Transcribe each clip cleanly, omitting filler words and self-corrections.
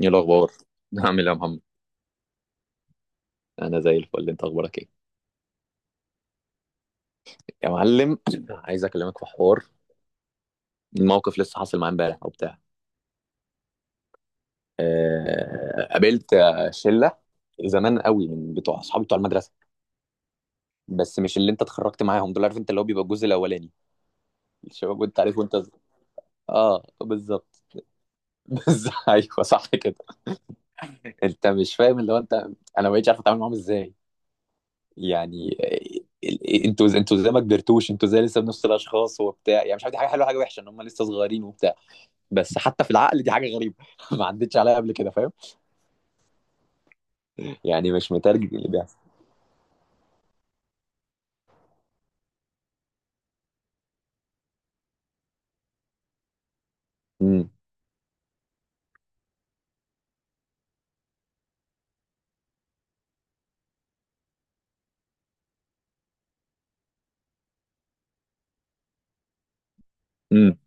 ايه الاخبار؟ عامل ايه يا محمد؟ انا زي الفل، انت اخبارك ايه؟ يا معلم، عايز اكلمك في حوار. الموقف لسه حاصل معايا امبارح او بتاع. قابلت شله زمان قوي من بتوع اصحابي بتوع المدرسه. بس مش اللي انت اتخرجت معاهم، دول عارف انت اللي هو بيبقى الجزء الاولاني، الشباب، وانت عارف، اه بالظبط. بس ايوه صح كده. انت مش فاهم اللي هو انت، انا ما بقتش عارف اتعامل معاهم ازاي. يعني انتوا زي ما كبرتوش، انتوا زي لسه بنفس الاشخاص وبتاع. يعني مش عارف دي حاجه حلوه حاجه وحشه ان هم لسه صغيرين وبتاع. بس حتى في العقل دي حاجه غريبه، ما عدتش عليا قبل كده فاهم؟ يعني مش مترجم اللي بيحصل. امم، امم،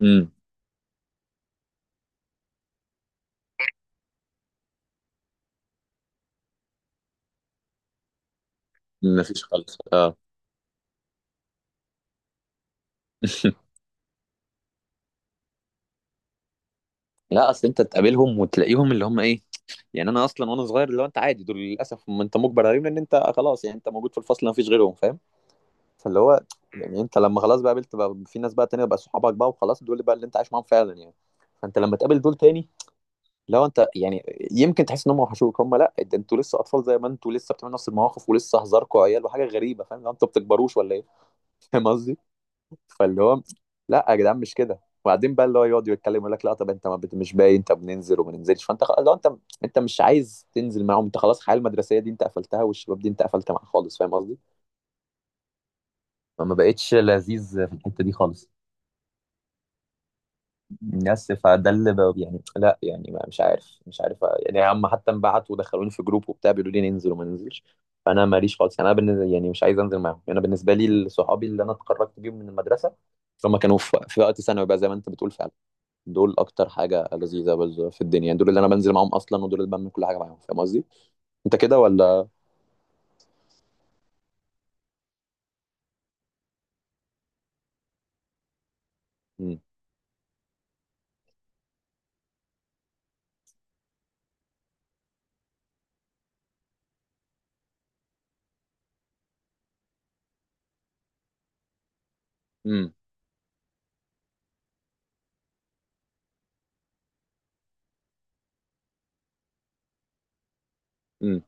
امم، مفيش خالص اه. لا اصل انت تقابلهم وتلاقيهم اللي هم ايه. يعني انا اصلا وانا صغير اللي هو انت عادي دول للاسف، ما انت مجبر عليهم، لان انت خلاص يعني انت موجود في الفصل ما فيش غيرهم فاهم؟ فاللي هو يعني انت لما خلاص بقى قابلت بقى في ناس بقى تانية بقى صحابك بقى وخلاص، دول بقى اللي انت عايش معاهم فعلا يعني. فانت لما تقابل دول تاني، لو انت يعني يمكن تحس ان هم وحشوك، هم لا، ده انتوا لسه اطفال، زي ما انتوا لسه بتعملوا نفس المواقف ولسه هزاركوا عيال وحاجه غريبه فاهم؟ لو انتوا بتكبروش ولا ايه. فاهم قصدي؟ فاللي هو لا يا جدعان مش كده. وبعدين بقى اللي هو يقعد يتكلم يقول لك لا طب انت ما بت... مش باين انت بننزل وما ننزلش، لو انت انت مش عايز تنزل معاهم، انت خلاص الحياه المدرسيه دي انت قفلتها، والشباب دي انت قفلت معاها خالص فاهم قصدي؟ ما بقتش لذيذ في الحته دي خالص. بس فده اللي بقى يعني، لا يعني ما مش عارف مش عارف. يعني هم حتى انبعتوا ودخلوني في جروب وبتاع بيقولوا لي ننزل وما ننزلش. فانا ماليش خالص يعني، انا بالنسبه يعني مش عايز انزل معاهم. يعني انا بالنسبه لي صحابي اللي انا اتخرجت بيهم من المدرسه، هم كانوا في وقت ثانوي بقى زي ما انت بتقول فعلا. دول اكتر في الدنيا يعني، دول اللي انا بنزل معاهم اصلا، ودول اللي بعمل كل حاجه معاهم فاهم قصدي؟ انت كده ولا؟ امم، امم، امم،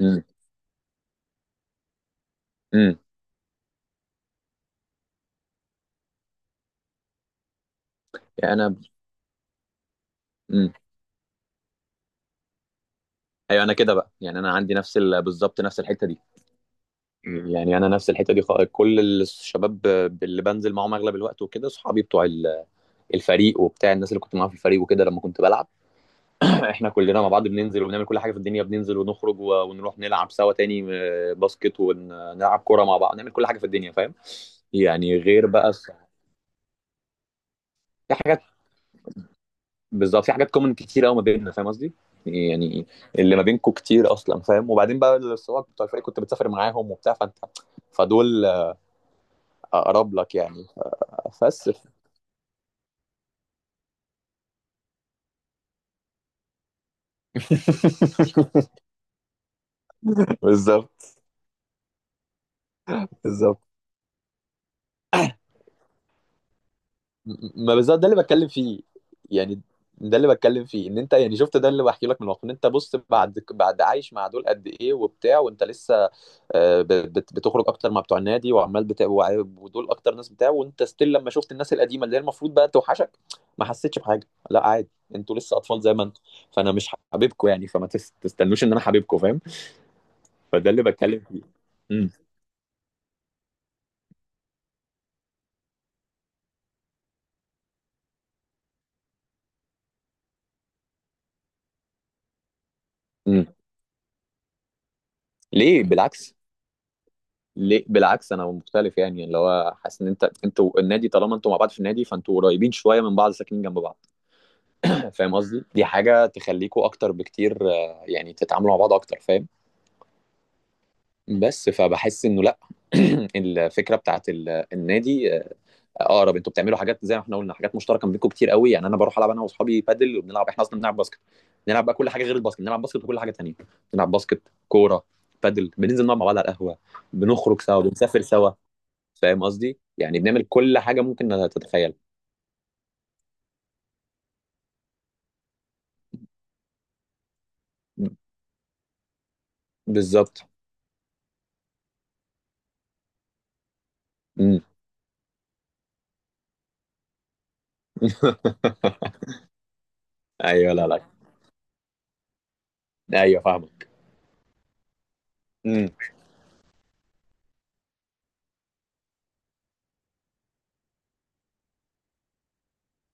امم، امم. يعني انا، امم، ايوه انا كده بقى. يعني انا عندي بالظبط نفس الحته دي. يعني انا نفس الحته دي، كل الشباب اللي بنزل معاهم اغلب الوقت وكده صحابي بتوع الفريق وبتاع، الناس اللي كنت معاهم في الفريق وكده لما كنت بلعب. احنا كلنا مع بعض بننزل وبنعمل كل حاجه في الدنيا، ونروح نلعب سوا تاني، باسكت، ونلعب كوره مع بعض، نعمل كل حاجه في الدنيا فاهم؟ يعني غير بقى في حاجات، بالظبط في حاجات كومن كتير قوي ما بيننا فاهم قصدي؟ يعني اللي ما بينكم كتير اصلا فاهم؟ وبعدين بقى الصحاب بتوع الفريق كنت بتسافر معاهم وبتاع، فانت فدول اقرب لك يعني. بس. بالظبط، بالظبط. ما بالظبط ده اللي بتكلم فيه يعني، ده اللي بتكلم فيه ان انت يعني شفت، ده اللي بحكي لك من الواقع ان انت، بص، بعد بعد عايش مع دول قد ايه وبتاع، وانت لسه آه، ب- بتخرج اكتر مع بتوع النادي وعمال ودول اكتر ناس بتاع، وانت ستيل لما شفت الناس القديمه اللي هي المفروض بقى توحشك، ما حسيتش بحاجه، لا عادي، انتوا لسه اطفال زي ما انتوا. فانا مش حبيبكم يعني، فما تستنوش ان انا حبيبكم فاهم؟ فده اللي بتكلم فيه. امم، امم. ليه بالعكس؟ ليه بالعكس؟ انا مختلف يعني، اللي هو حاسس ان انت انتوا النادي، طالما انتوا مع بعض في النادي فانتوا قريبين شويه من بعض، ساكنين جنب بعض. فاهم قصدي؟ دي حاجه تخليكوا اكتر بكتير، يعني تتعاملوا مع بعض اكتر فاهم؟ بس فبحس انه لا. الفكره بتاعت النادي، اقرب، انتوا بتعملوا حاجات زي ما احنا قلنا، حاجات مشتركه ما بينكم كتير قوي. يعني انا بروح العب انا واصحابي بادل، وبنلعب احنا اصلا بنلعب باسكت، بنلعب بقى كل حاجه غير الباسكت، بنلعب باسكت وكل حاجه تانيه، بنلعب باسكت، كوره، بادل، بننزل نقعد مع بعض على القهوه، بنخرج سوا، بنسافر سوا، فاهم قصدي؟ يعني بنعمل كل حاجه ممكن تتخيلها. م- بالظبط. امم. ايوه، لا لا، ايوه فاهمه. امم.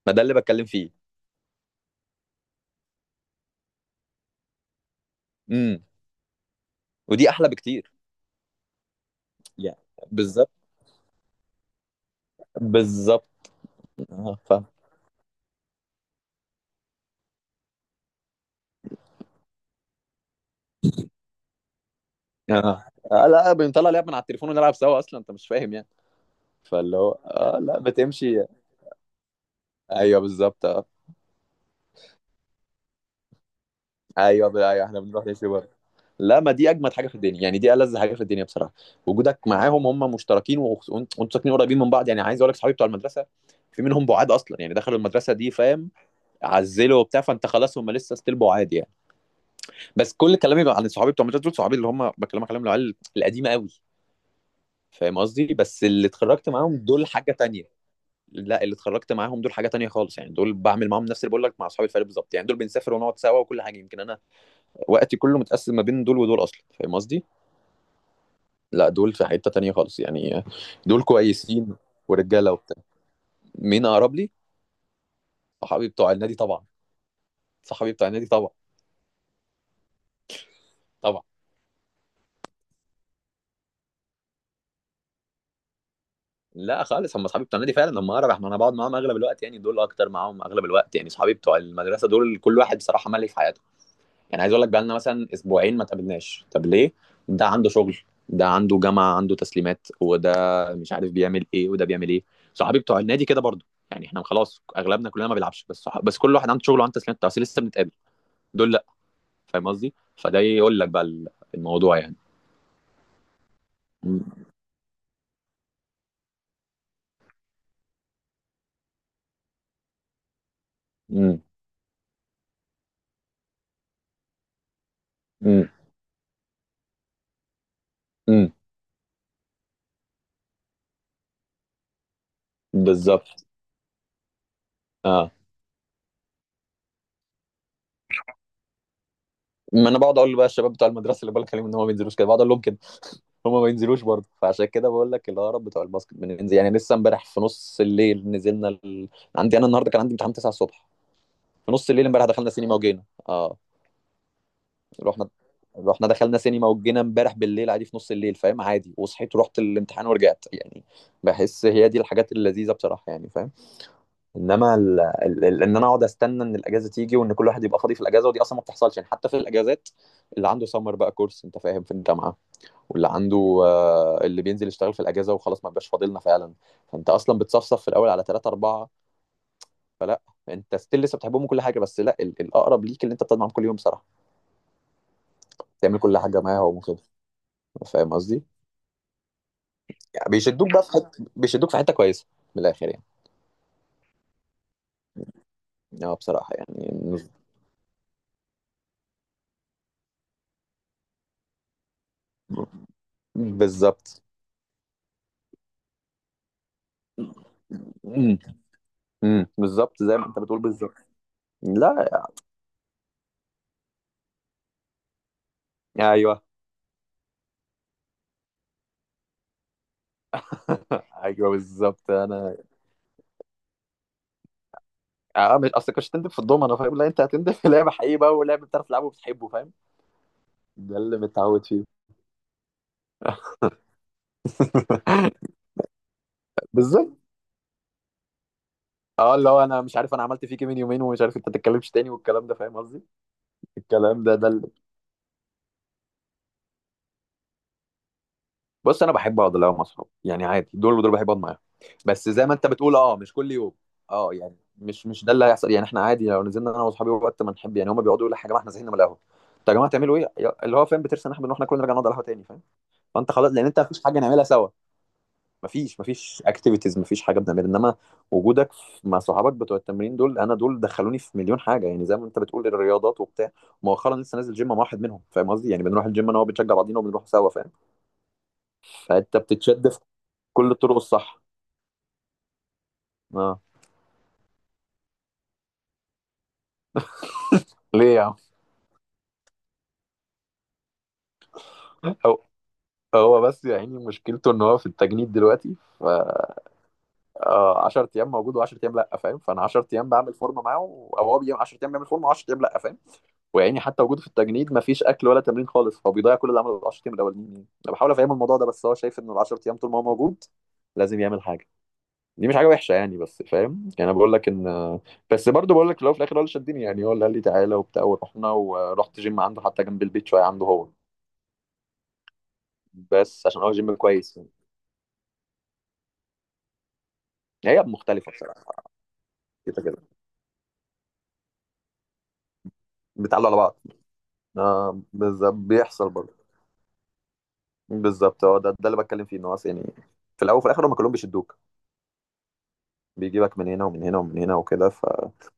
ما ده اللي بتكلم فيه. امم. ودي احلى بكتير يعني. بالظبط، بالظبط. اه فاهم. اه. لا بنطلع لعب من على التليفون ونلعب سوا اصلا، انت مش فاهم يعني. فاللي هو اه لا بتمشي، ايوه بالظبط. ايوه احنا بنروح نشوي بره. لا، ما دي اجمد حاجه في الدنيا يعني، دي ألذ حاجه في الدنيا بصراحه. وجودك معاهم، هم مشتركين وانتوا ساكنين قريبين من بعض، يعني عايز اقول لك صحابي بتوع المدرسه في منهم بعاد اصلا، يعني دخلوا المدرسه دي فاهم؟ عزلوا وبتاع، فانت خلاص هم لسه ستيل بعاد يعني. بس كل كلامي عن صحابي بتوع المدرسه، دول صحابي اللي هم بكلمك عليهم العيال القديمه قوي فاهم قصدي. بس اللي اتخرجت معاهم، دول حاجه تانية. لا، اللي اتخرجت معاهم دول حاجه تانية خالص، يعني دول بعمل معاهم نفس اللي بقول لك مع اصحابي الفريق بالظبط. يعني دول بنسافر ونقعد سوا وكل حاجه، يمكن انا وقتي كله متقسم ما بين دول ودول اصلا فاهم قصدي؟ لا دول في حتة تانية خالص يعني. دول كويسين ورجالة وبتاع. مين اقرب لي؟ صحابي بتوع النادي طبعا. صحابي بتوع النادي طبعا. طبعا. لا خالص، هم اصحابي بتوع النادي فعلا هم اقرب، احنا انا بقعد معاهم اغلب الوقت يعني، دول اكتر معاهم اغلب الوقت. يعني اصحابي بتوع المدرسة دول كل واحد بصراحة ملك حياته. يعني عايز اقول لك بقالنا مثلا اسبوعين ما تقابلناش، طب ليه؟ ده عنده شغل، ده عنده جامعه عنده تسليمات، وده مش عارف بيعمل ايه، وده بيعمل ايه. صحابي بتوع النادي كده برضو، يعني احنا خلاص اغلبنا كلنا ما بيلعبش بس بس كل واحد عنده شغل وعنده تسليمات، بس لسه بنتقابل. دول لا فاهم قصدي؟ فده يقول لك بقى الموضوع يعني. امم، امم، امم، امم، بالظبط، اه. ما انا بقعد اقول بقى الشباب بتوع المدرسه اللي بقول لك عليهم ان هم ما بينزلوش كده، بقعد اقول لهم كده، هما ما ينزلوش برضه. فعشان كده بقول لك، الهرب بتوع الباسكت بننزل، يعني لسه امبارح في نص الليل نزلنا عندي انا النهارده كان عندي امتحان 9 الصبح، في نص الليل امبارح دخلنا سينما وجينا اه، رحنا، رحنا دخلنا سينما وجينا امبارح بالليل عادي في نص الليل فاهم؟ عادي، وصحيت ورحت الامتحان ورجعت يعني. بحس هي دي الحاجات اللذيذه بصراحه يعني فاهم؟ انما ان انا اقعد استنى ان الاجازه تيجي، وان كل واحد يبقى فاضي في الاجازه، ودي اصلا ما بتحصلش يعني. حتى في الاجازات اللي عنده سمر بقى كورس انت فاهم في الجامعه، واللي عنده، اللي بينزل يشتغل في الاجازه وخلاص، ما بقاش فاضلنا فعلا. فانت اصلا بتصفصف في الاول على ثلاثه اربعه. فلا، انت ستيل لسه بتحبهم وكل حاجه، بس لا الاقرب ليك اللي انت بتقعد معاهم كل يوم صراحه، تعمل كل حاجه معاهم وكده فاهم قصدي؟ يعني بيشدوك بقى في حته، بيشدوك في حته كويسه، من الاخر يعني. اه بصراحه يعني. بالظبط. امم، امم، بالظبط زي ما انت بتقول بالظبط. لا ايوه. ايوه بالظبط انا. اه مش اصل كنتش تندب في الدومنه، فاهم؟ لا انت هتندب في لعبه حقيقي بقى ولعبه بتعرف تلعبه وبتحبه فاهم؟ ده اللي متعود فيه. بالظبط. اه اللي هو انا مش عارف انا عملت فيك إيه من يومين، ومش عارف انت تتكلمش تاني والكلام ده فاهم قصدي؟ الكلام ده ده اللي... بص انا بحب اقعد اللي هو مع اصحابي، يعني عادي دول ودول بحب اقعد معاهم. بس زي ما انت بتقول اه مش كل يوم. اه يعني مش ده اللي هيحصل يعني. احنا عادي لو نزلنا انا واصحابي وقت ما نحب، يعني هما بيقعدوا يقولوا يا جماعه احنا زهقنا من القهوه، طب يا جماعه تعملوا ايه؟ اللي هو فاهم بترسى ان احنا بنروح ناكل، نرجع نقعد على القهوه تاني فاهم؟ فانت خلاص لان انت مفيش حاجه نعملها سوا. مفيش اكتيفيتيز، مفيش حاجه بنعملها. انما وجودك مع صحابك بتوع التمرين دول، انا دول دخلوني في مليون حاجه يعني زي ما انت بتقول، الرياضات وبتاع. مؤخرا لسه نازل جيم مع واحد منهم فاهم قصدي؟ يعني بنروح الجيم انا وهو، بنشجع بعضينا وبنروح سوا فاهم؟ فانت بتتشد في كل الطرق الصح. اه. ليه يا عم؟ هو هو بس يا عيني مشكلته ان هو في التجنيد دلوقتي، ف، 10 ايام موجود و10 ايام لا فاهم؟ فانا 10 ايام بعمل فورمه معاه، او هو بيعمل 10 ايام بيعمل فورمه و10 ايام لا فاهم؟ ويعني حتى وجوده في التجنيد مفيش اكل ولا تمرين خالص، هو بيضيع كل اللي عمله ال 10 ايام الاولانيين يعني. انا بحاول افهمه الموضوع ده، بس هو شايف ان ال 10 ايام طول ما هو موجود لازم يعمل حاجه. دي مش حاجه وحشه يعني، بس فاهم يعني انا بقول لك ان، بس برضه بقول لك في الاول وفي الاخر هو اللي شدني يعني، هو اللي قال لي تعالى وبتاع، ورحنا ورحت جيم عنده حتى جنب البيت شويه عنده هو، بس عشان هو جيم كويس يعني. هي مختلفه بصراحه، كده كده بيتعلقوا على بعض. آه بالظبط بيحصل برضه. بالظبط هو ده ده اللي بتكلم فيه، ان هو أصل يعني في الاول وفي الاخر هم كلهم بيشدوك، بيجيبك من هنا ومن هنا ومن هنا وكده.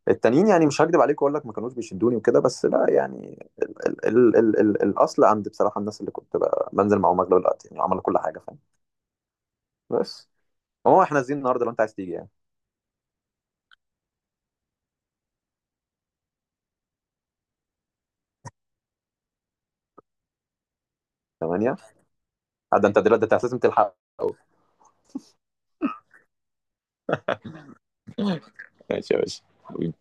فالتانيين يعني مش هكدب عليك واقول لك ما كانوش بيشدوني وكده، بس لا يعني ال الاصل عند بصراحه الناس اللي كنت بقى بنزل معاهم اغلب الوقت يعني، عملوا كل حاجه فاهم؟ بس. هو احنا نازلين النهارده لو انت عايز تيجي يعني. 8؟ ده انت دلوقتي أنت لازم تلحق أوي. ماشي يا باشا حبيبي.